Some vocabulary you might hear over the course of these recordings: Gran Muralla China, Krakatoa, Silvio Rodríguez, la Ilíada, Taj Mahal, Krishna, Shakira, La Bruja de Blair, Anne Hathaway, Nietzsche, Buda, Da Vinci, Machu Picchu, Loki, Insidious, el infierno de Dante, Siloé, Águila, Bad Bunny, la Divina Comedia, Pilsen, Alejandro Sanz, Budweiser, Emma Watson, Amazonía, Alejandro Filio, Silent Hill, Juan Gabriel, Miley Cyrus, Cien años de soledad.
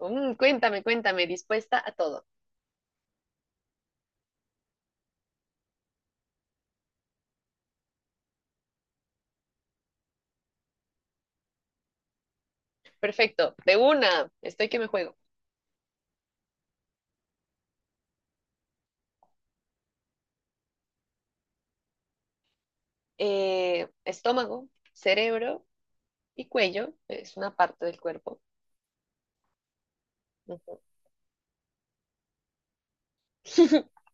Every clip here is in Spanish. Cuéntame, dispuesta a todo. Perfecto, de una, estoy que me juego. Estómago, cerebro y cuello, es una parte del cuerpo. Ujú.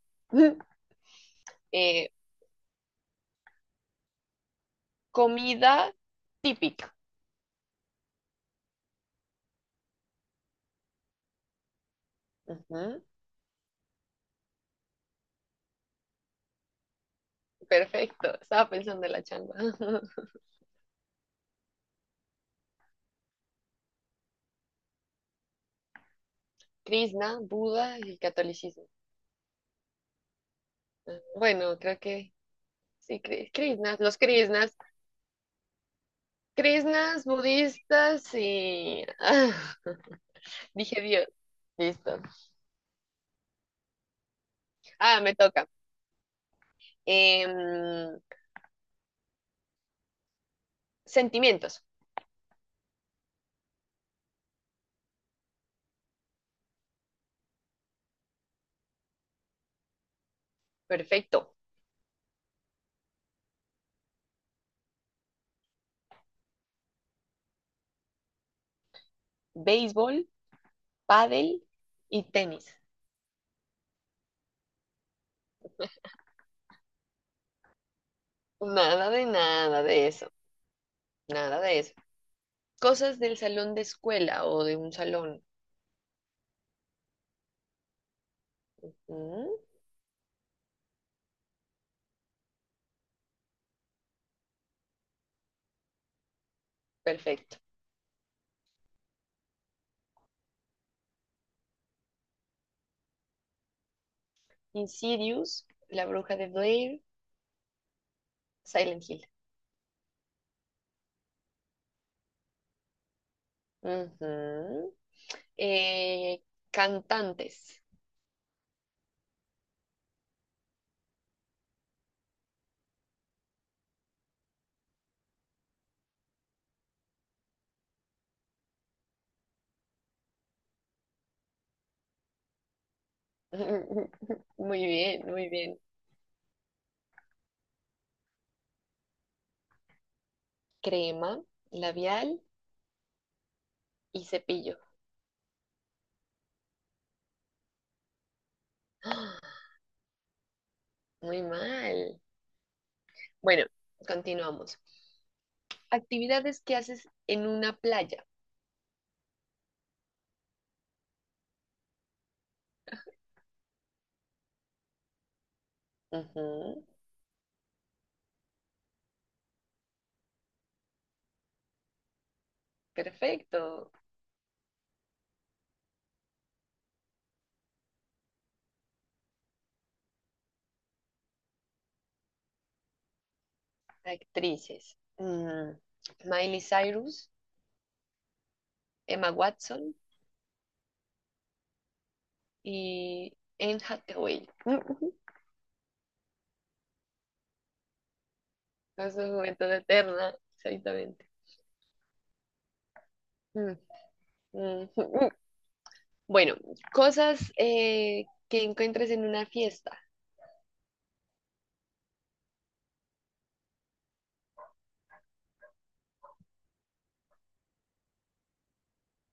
Eh, comida típica. Ujú, perfecto, estaba pensando en la changua. Krishna, Buda y catolicismo. Ah, bueno, creo que sí, Krishnas, los Krishnas. Krishnas, budistas y... Dije Dios. Listo. Ah, me toca. Em, sentimientos. Perfecto. Béisbol, pádel y tenis. Nada de nada de eso. Nada de eso. Cosas del salón de escuela o de un salón. Mm, perfecto. Insidious, La Bruja de Blair, Silent Hill. Ujú. Eh, cantantes. Muy bien, muy bien. Crema, labial y cepillo. ¡Ah! Muy mal. Bueno, continuamos. Actividades que haces en una playa. Ujú, perfecto. Actrices. Miley Cyrus, Emma Watson y Anne Hathaway. Ujú, a su juventud eterna, exactamente. Mm, mm, mm. Bueno, cosas que encuentres en una fiesta.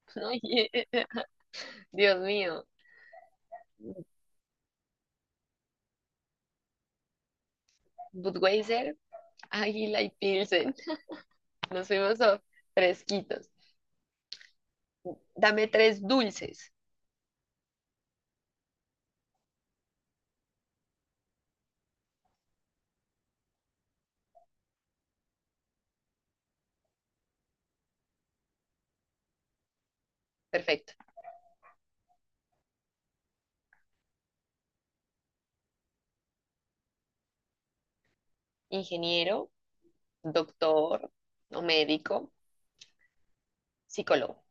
Oye, Dios mío. Budweiser, Águila y Pilsen. Nos fuimos a fresquitos. Dame tres dulces. Perfecto. Ingeniero, doctor o médico, psicólogo,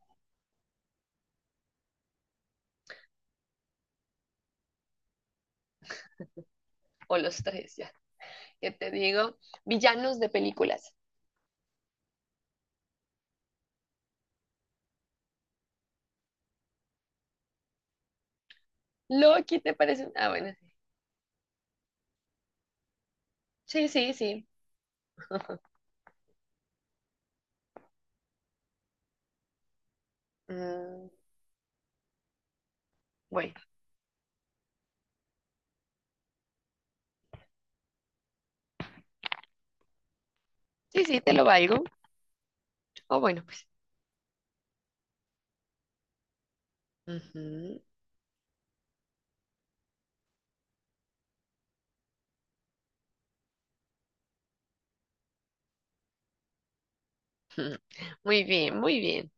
o los tres, ya. ¿Qué te digo? Villanos de películas. Loki, ¿te parece? Ah, bueno, sí, sí, sí, sí. Mm, bueno, sí, sí, te lo valgo. O bueno, pues. Ujú, ujú. Muy bien, muy bien.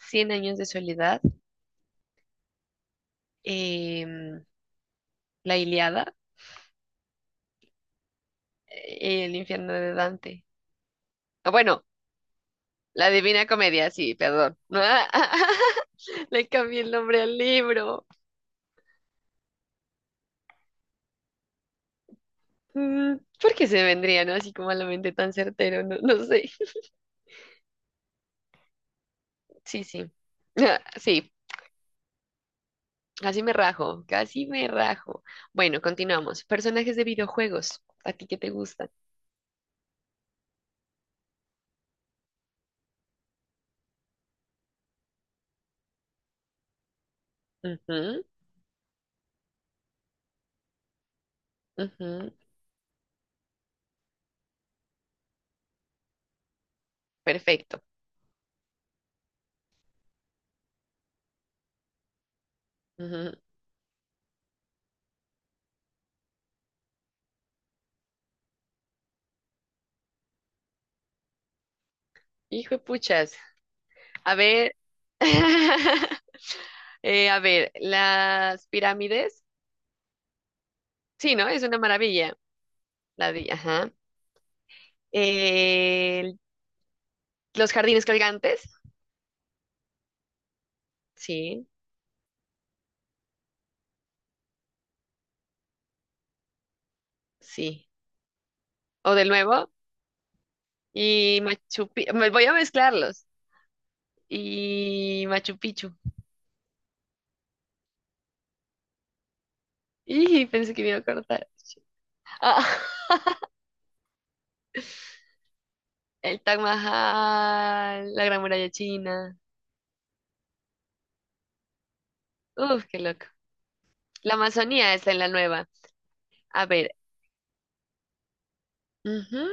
Cien años de soledad, em, la Ilíada, el infierno de Dante. Ah, bueno, la Divina Comedia, sí, perdón. Le cambié el nombre al libro. Mm, ¿por qué se vendría, no? Así como a la mente tan certero, no, no sé. Sí, sí. Ah, sí, casi me rajo, casi me rajo. Bueno, continuamos. Personajes de videojuegos, ¿a ti qué te gustan? Ujú, ujú, perfecto. Ujú. Hijo de puchas. A ver. A ver, las pirámides. Sí, ¿no? Es una maravilla. La vi, ajá. Eh, los jardines colgantes. Sí, sí. O de nuevo. Y Machu Picchu, me voy a mezclarlos. Y Machu Picchu. Y pensé que me iba a cortar. Ah, el Taj Mahal, la Gran Muralla China. Uf, qué loco. La Amazonía está en la nueva. A ver. Ujú,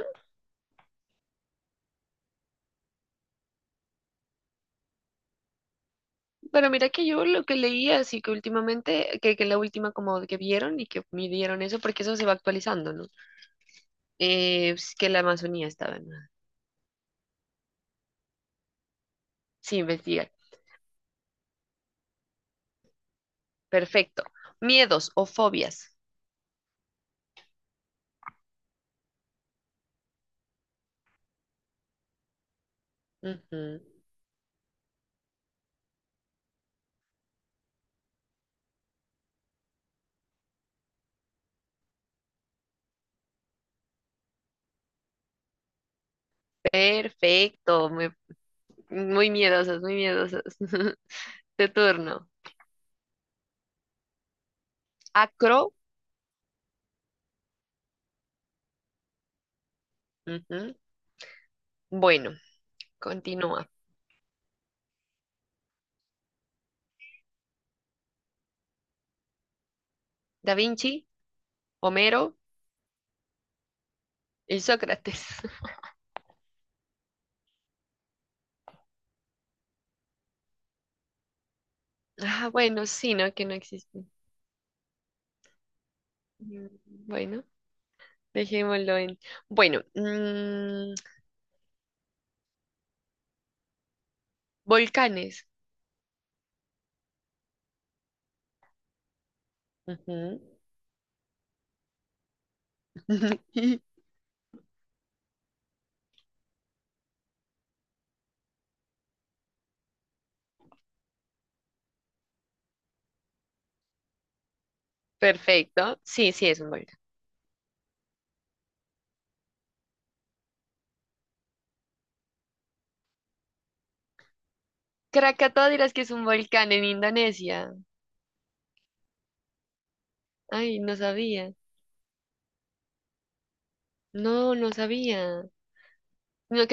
pero mira que yo lo que leí así que últimamente, que la última como que vieron y que midieron eso, porque eso se va actualizando, ¿no? Es que la Amazonía estaba en... Sí, investigar. Perfecto. Miedos o fobias. Ujú. Perfecto, muy, muy miedosas, muy miedosos. De turno. Acro, ujú. Bueno, continúa. Da Vinci, Homero y Sócrates. Ah, bueno, sí, ¿no? Que no existen. Mm, bueno, dejémoslo en. Bueno, volcanes. Ujú. Perfecto. Sí, sí, es un volcán. Krakatoa dirás que es un volcán en Indonesia. Ay, no sabía. No, no sabía. No,